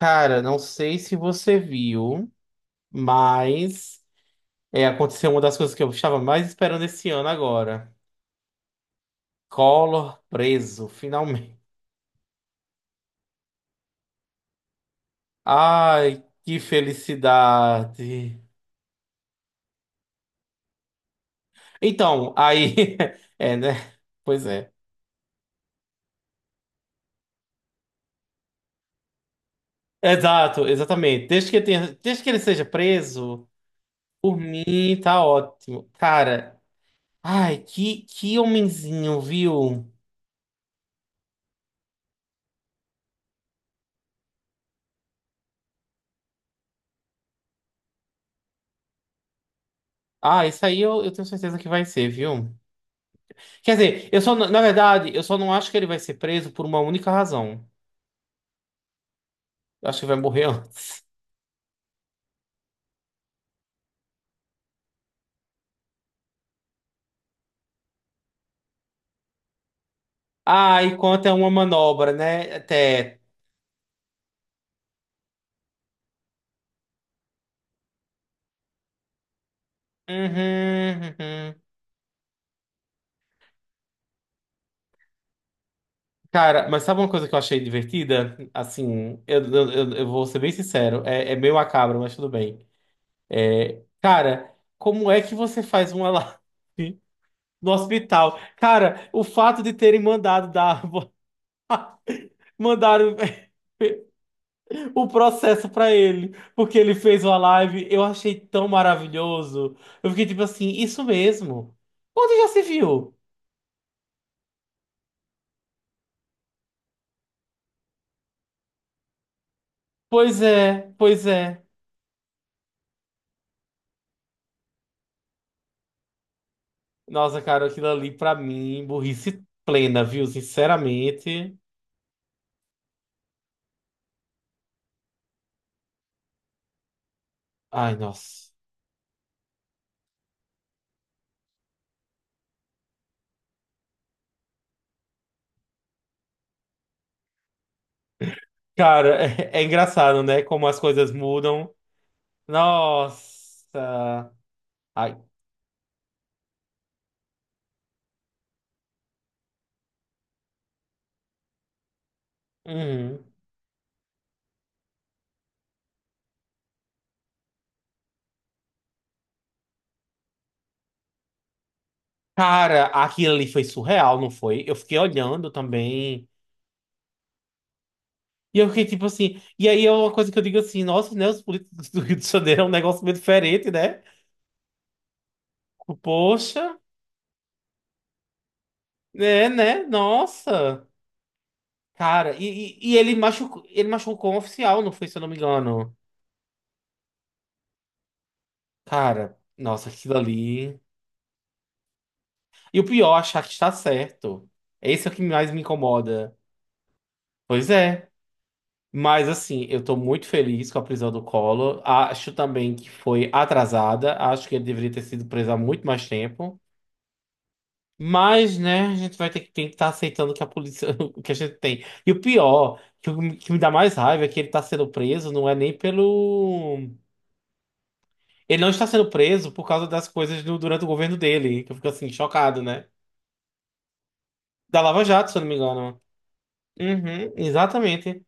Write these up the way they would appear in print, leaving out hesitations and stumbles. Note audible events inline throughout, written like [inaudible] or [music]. Cara, não sei se você viu, mas aconteceu uma das coisas que eu estava mais esperando esse ano agora. Collor preso, finalmente. Ai, que felicidade. Então, aí. [laughs] É, né? Pois é. Exato, exatamente. Desde que ele seja preso, por mim tá ótimo. Cara, ai, que homenzinho, viu? Ah, isso aí eu tenho certeza que vai ser, viu? Quer dizer, eu só, não- na verdade, eu só não acho que ele vai ser preso por uma única razão. Eu acho que vai morrer antes. Ah, e quanto é uma manobra, né? Até. Uhum, uhum. Cara, mas sabe uma coisa que eu achei divertida? Assim, eu vou ser bem sincero. É meio macabro, mas tudo bem. É, cara, como é que você faz uma live [laughs] no hospital? Cara, o fato de terem mandado dar. [laughs] Mandaram. [laughs] O processo pra ele, porque ele fez uma live, eu achei tão maravilhoso. Eu fiquei tipo assim, isso mesmo. Onde já se viu? Pois é, pois é. Nossa, cara, aquilo ali pra mim, burrice plena, viu? Sinceramente. Ai, nossa. Cara, [laughs] é, é engraçado, né? Como as coisas mudam. Nossa. Ai. Uhum. Cara, aquilo ali foi surreal, não foi? Eu fiquei olhando também. E eu fiquei tipo assim. E aí é uma coisa que eu digo assim: nossa, né? Os políticos do Rio de Janeiro é um negócio meio diferente, né? Poxa, né, né? Nossa. Cara, ele machucou um oficial, não foi, se eu não me engano. Cara, nossa, aquilo ali. E o pior, achar que está certo. Esse é o que mais me incomoda. Pois é. Mas assim, eu tô muito feliz com a prisão do Collor. Acho também que foi atrasada. Acho que ele deveria ter sido preso há muito mais tempo. Mas, né, a gente vai ter que tem que estar aceitando que a polícia, [laughs] o que a gente tem. E o pior, o- que me dá mais raiva é que ele tá sendo preso, não é nem pelo. Ele não está sendo preso por causa das coisas do- durante o governo dele, que eu fico assim, chocado, né? Da Lava Jato, se eu não me engano. Uhum, exatamente.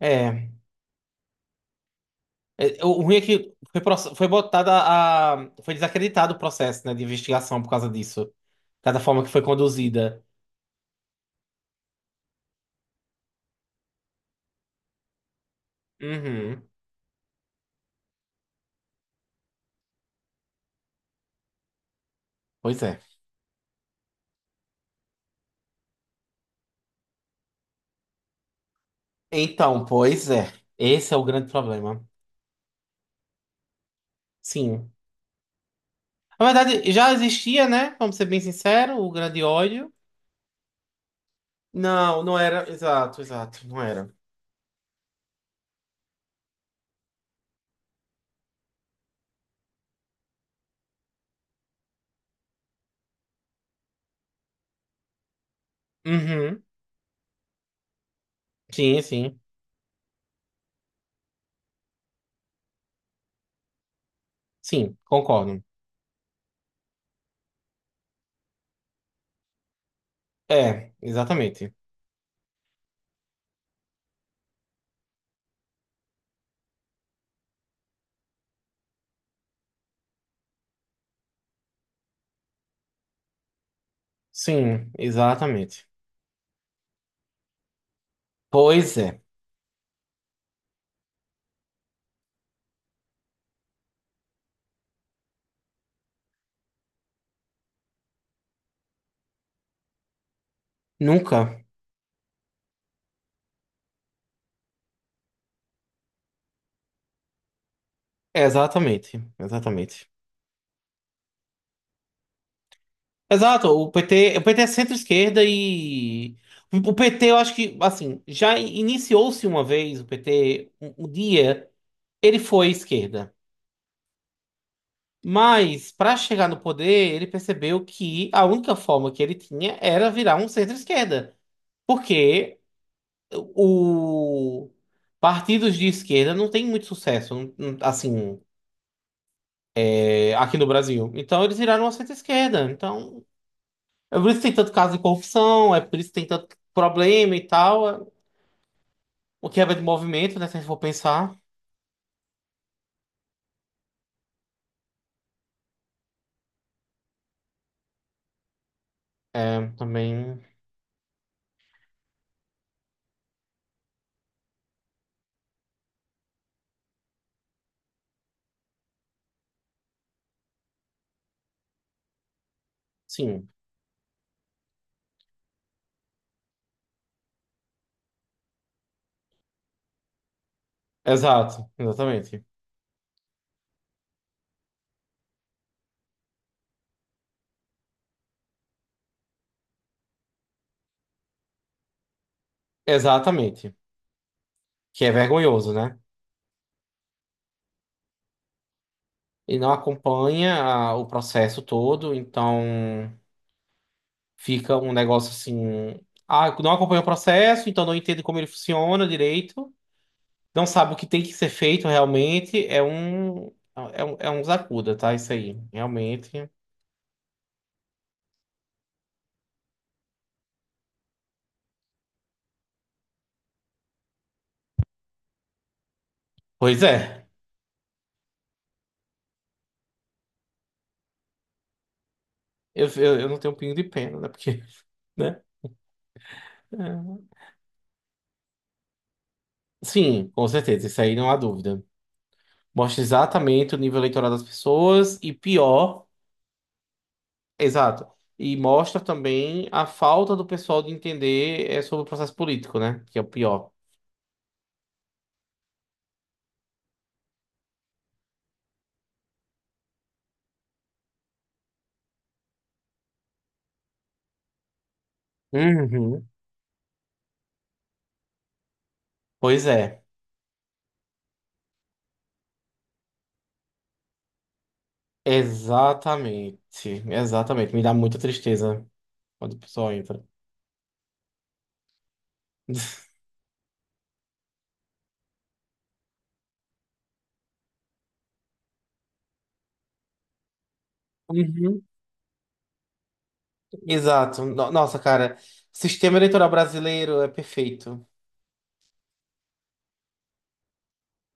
É. É, o ruim é que foi botada a. Foi desacreditado o processo, né, de investigação por causa disso. Cada forma que foi conduzida. Uhum. Pois é. Então, pois é. Esse é o grande problema. Sim. Na verdade, já existia, né? Vamos ser bem sincero, o grande ódio. Não, não era. Exato, exato, não era. Uhum. Sim, sim. Sim, concordo. É, exatamente. Sim, exatamente. Pois é. Nunca. É, exatamente, exatamente. Exato, o PT é centro-esquerda e o PT, eu acho que, assim, já iniciou-se uma vez o PT, um dia ele foi esquerda. Mas, para chegar no poder, ele percebeu que a única forma que ele tinha era virar um centro-esquerda, porque o partidos de esquerda não tem muito sucesso, assim, é, aqui no Brasil. Então, eles viraram uma centro-esquerda. Então, é por isso que tem tanto caso de corrupção, é por isso que tem tanto problema e tal. É- O que é de movimento, né? Se a gente for pensar, é também. Sim, exato, exatamente. Exatamente. Que é vergonhoso, né? Ele não acompanha a- o processo todo, então fica um negócio assim. Ah, não acompanha o processo, então não entende como ele funciona direito, não sabe o que tem que ser feito realmente. É um zacuda, tá? Isso aí, realmente. Pois é, eu não tenho um pingo de pena, né? Porque, né? É. Sim, com certeza, isso aí não há dúvida. Mostra exatamente o nível eleitoral das pessoas e pior. Exato. E mostra também a falta do pessoal de entender é, sobre o processo político, né? Que é o pior. Uhum. Pois é. Exatamente. Exatamente. Me dá muita tristeza quando o pessoal entra. Uhum. [laughs] Exato. No- Nossa, cara, sistema eleitoral brasileiro é perfeito.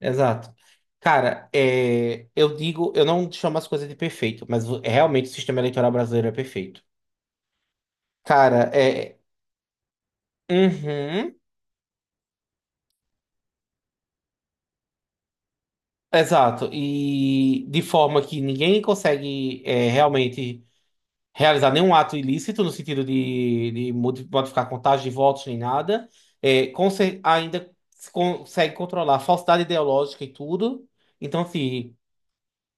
Exato. Cara, é, eu digo, eu não chamo as coisas de perfeito, mas o- realmente o sistema eleitoral brasileiro é perfeito. Cara, é. Uhum. Exato, e de forma que ninguém consegue é, realmente realizar nenhum ato ilícito no sentido de modi- modificar contagem de votos nem nada, é, conse- ainda se consegue controlar a falsidade ideológica e tudo. Então, assim,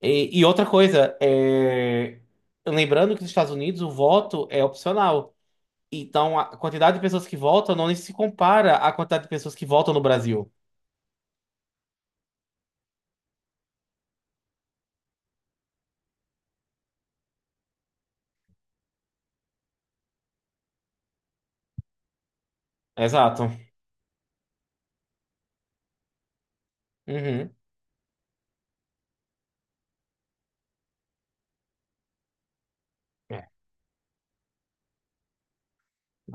e outra coisa, é, lembrando que nos Estados Unidos o voto é opcional, então a quantidade de pessoas que votam não se compara à quantidade de pessoas que votam no Brasil. Exato. Uhum.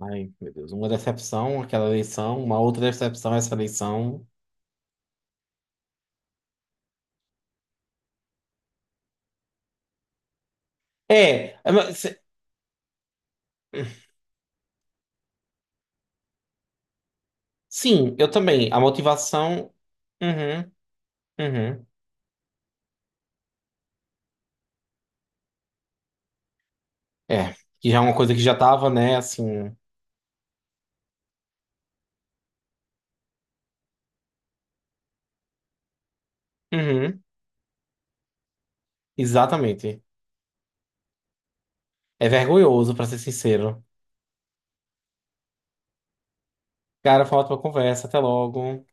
Ai, meu Deus. Uma decepção, aquela eleição. Uma outra decepção, essa eleição. Mas, sim, eu também. A motivação. Uhum, uhum. É, que já é uma coisa que já tava, né, assim. Uhum, exatamente. É vergonhoso, pra ser sincero. Cara, foi uma ótima conversa. Até logo.